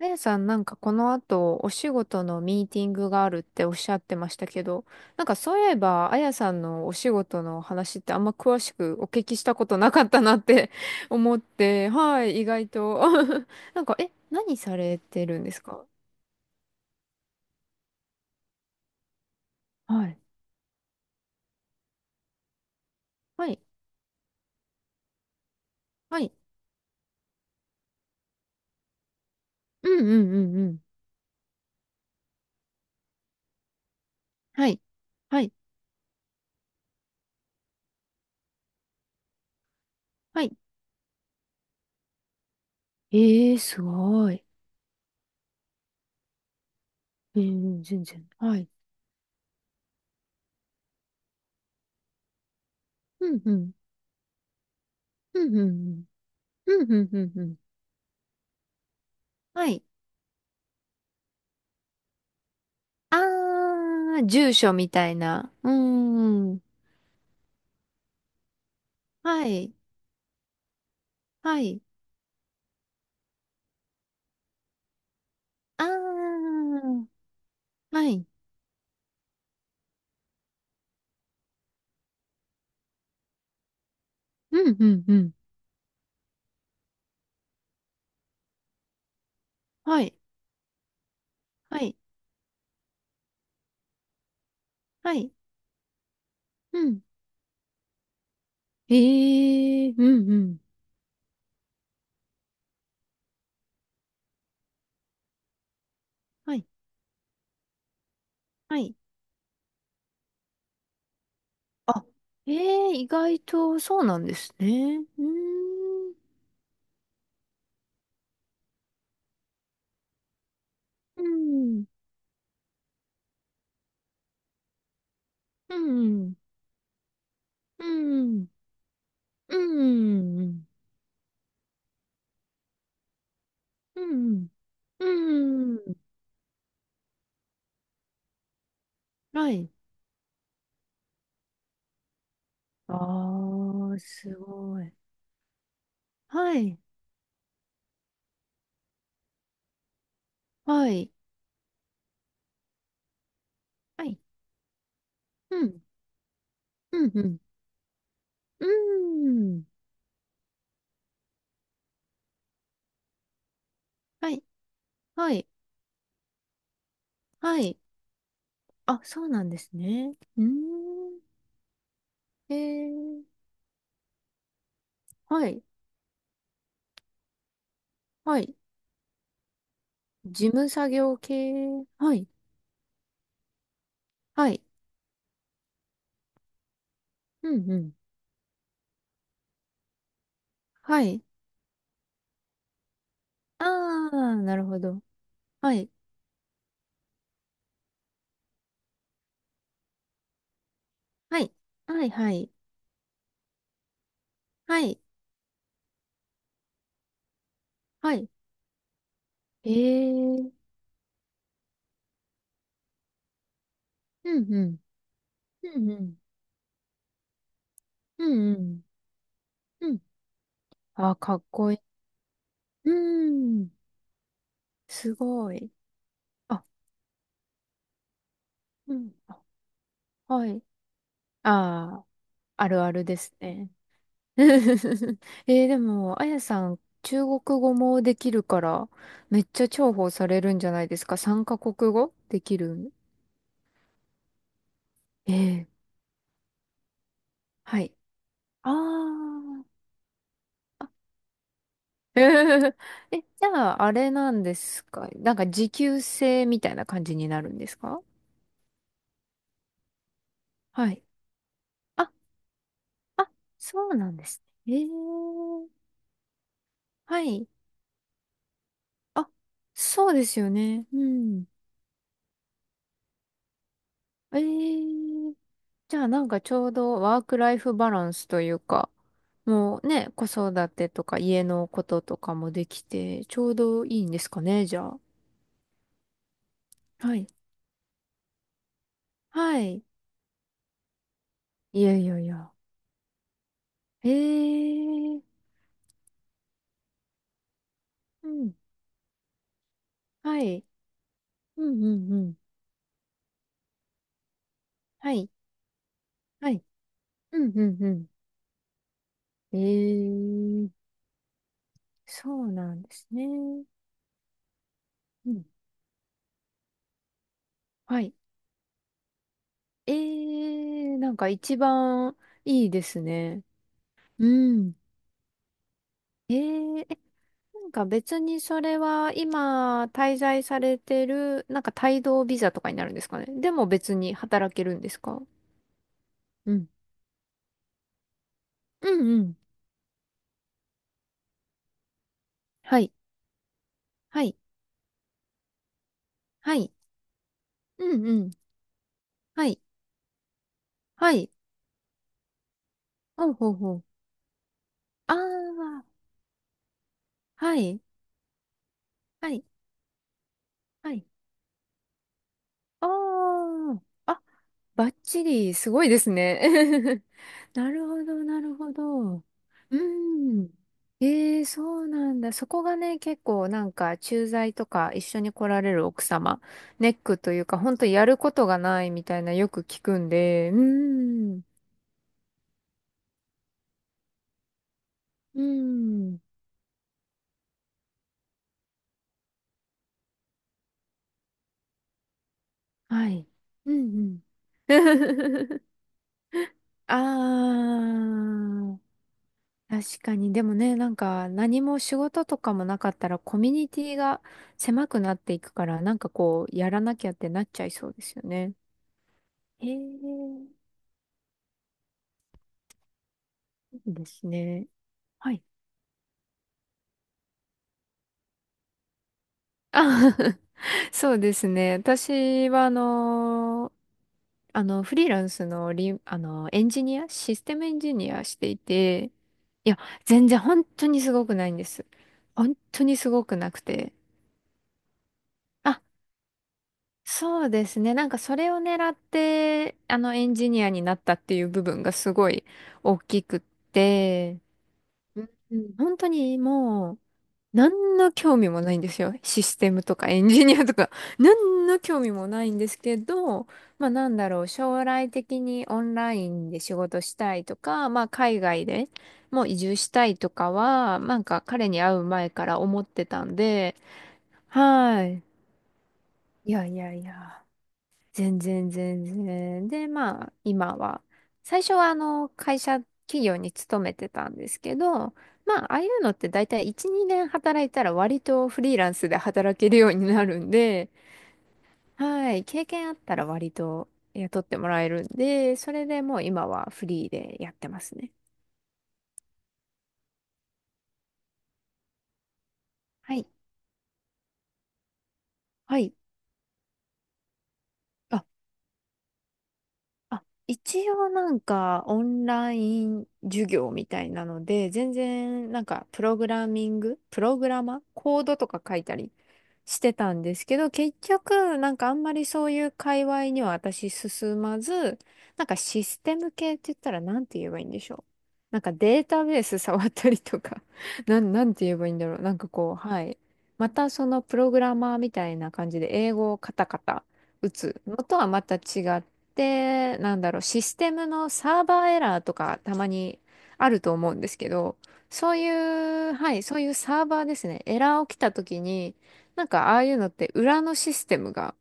あやさん、なんかこの後、お仕事のミーティングがあるっておっしゃってましたけど、なんかそういえば、あやさんのお仕事の話ってあんま詳しくお聞きしたことなかったなって 思って、はい、意外と なんか、何されてるんですか？はい。はい。はい。うんうんうんうん。はい。はい。はい。えー、すごい。えー、全然。はい。うんうん。うんうんうん。うんうんうんうん。はい。あー、住所みたいな。うーん。はい。はい。あー、はい。うん、うん、うん。はい。はい。はい。うん。えー、うん、うん。はい。はい。あ、えー、意外とそうなんですね。うーん。うん。うん。うん。うん。うん。うん。はい。あー、すごい。はい。はい。はい。うん、うん、うん。うーん。はい、はい、はい。あ、そうなんですね。うーん。えー、はい、はい。事務作業系。はい、はい。うん、うん。はい。ああ、なるほど。はい、はい、はい、はい、はい、はい。えー、うん、うん、うん、うん、うん、うん。ああ、かっこいい。うーん、すごい。あ、うん、あはい。ああ、あるあるですね。えでも、あやさん、中国語もできるから、めっちゃ重宝されるんじゃないですか ?3 カ国語できるええはい。あー あ。えーえ、じゃあ、あれなんですかなんか、持久制みたいな感じになるんですか？はい。あ、あ、そうなんですね。ええはい。あ、そうですよね。うん。ええじゃあなんかちょうどワークライフバランスというか、もうね、子育てとか家のこととかもできて、ちょうどいいんですかね、じゃあ。はい。はい。いやいやいや。ええうん。はい。うんうんうん。はい。はい。うんうんうん。ええそうなんですね。うん。はい。ええなんか一番いいですね。うん。ええなんか別にそれは今滞在されてる、なんか帯同ビザとかになるんですかね。でも別に働けるんですか？うん。うんうん。はい。はい。はい。うんうん。はい。はい。ほうほうほう。ああ、はい。はい。はい。あああバッチリ、すごいですね。なるほど、なるほど。うん。ええ、そうなんだ。そこがね、結構なんか、駐在とか一緒に来られる奥様、ネックというか、本当やることがないみたいなよく聞くんで、うん。うん。はい。うんうん。ああ。確かに。でもね、なんか何も仕事とかもなかったらコミュニティが狭くなっていくから、なんかこう、やらなきゃってなっちゃいそうですよね。へえ、いいですね。はい。あ そうですね。私はフリーランスのリ、あの、エンジニア、システムエンジニアしていて、いや、全然本当にすごくないんです。本当にすごくなくて。そうですね。なんかそれを狙って、あのエンジニアになったっていう部分がすごい大きくって、うん、本当にもう何の興味もないんですよ。システムとかエンジニアとか 何の興味もないんですけど、まあなんだろう、将来的にオンラインで仕事したいとか、まあ海外でもう移住したいとかは、なんか彼に会う前から思ってたんで、はい。いやいやいや。全然全然。で、まあ、今は、最初は会社、企業に勤めてたんですけど、まあ、ああいうのって大体1、2年働いたら割とフリーランスで働けるようになるんで、はい、経験あったら割と雇ってもらえるんで、それでもう今はフリーでやってますね。はい。はい。ああ、一応なんかオンライン授業みたいなので、全然なんかプログラミング、プログラマー、コードとか書いたりしてたんですけど、結局なんかあんまりそういう界隈には私進まず、なんかシステム系って言ったらなんて言えばいいんでしょう。なんかデータベース触ったりとか、なんて言えばいいんだろう。なんかこう、はい。またそのプログラマーみたいな感じで英語をカタカタ打つのとはまた違っで、なんだろう、システムのサーバーエラーとかたまにあると思うんですけど、そういう、はい、そういうサーバーですね、エラー起きた時に、なんかああいうのって裏のシステムが、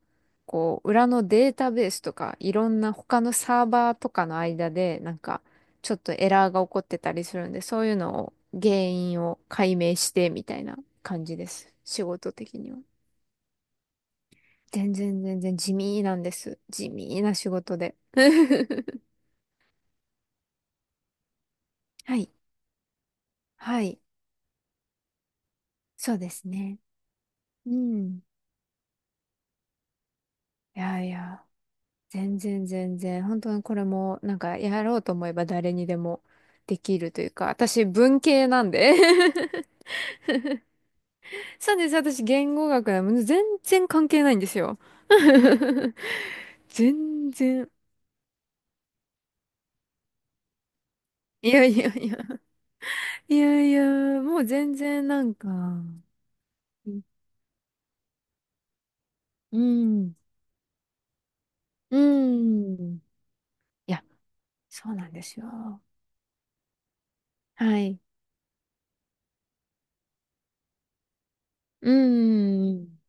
こう、裏のデータベースとか、いろんな他のサーバーとかの間で、なんか、ちょっとエラーが起こってたりするんで、そういうのを、原因を解明してみたいな感じです。仕事的には。全然全然地味なんです。地味な仕事で。はい。はい。そうですね。うん。いやいや、全然全然。本当にこれも、なんか、やろうと思えば誰にでもできるというか、私、文系なんで。そうです。私、言語学なの。全然関係ないんですよ。全然。いやいやいや。いやいや、もう全然なんか、うん。うん。いや、そうなんですよ。はい。うん。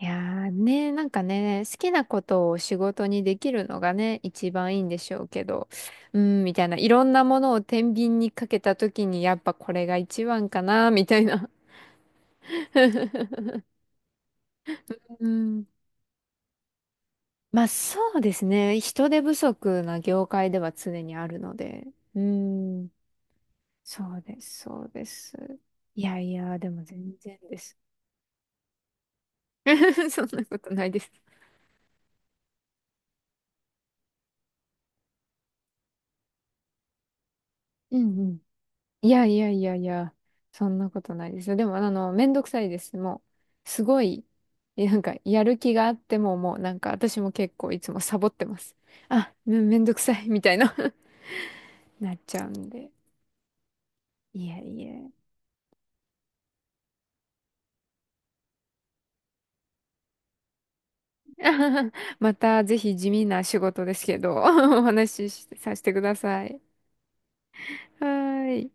いやーね、なんかね、好きなことを仕事にできるのがね、一番いいんでしょうけど、うん、みたいな、いろんなものを天秤にかけたときに、やっぱこれが一番かな、みたいな。うん。まあそうですね、人手不足な業界では常にあるので、うん、そうです、そうです。いやいや、でも全然です。そんなことないです。うんうん。いやいやいやいや、そんなことないですよ。でも、めんどくさいです。もう、すごい、なんか、やる気があっても、もう、なんか、私も結構いつもサボってます。あ、めんどくさい、みたいな なっちゃうんで。いやいや。また、ぜひ地味な仕事ですけど、お話ししさせてください。はーい。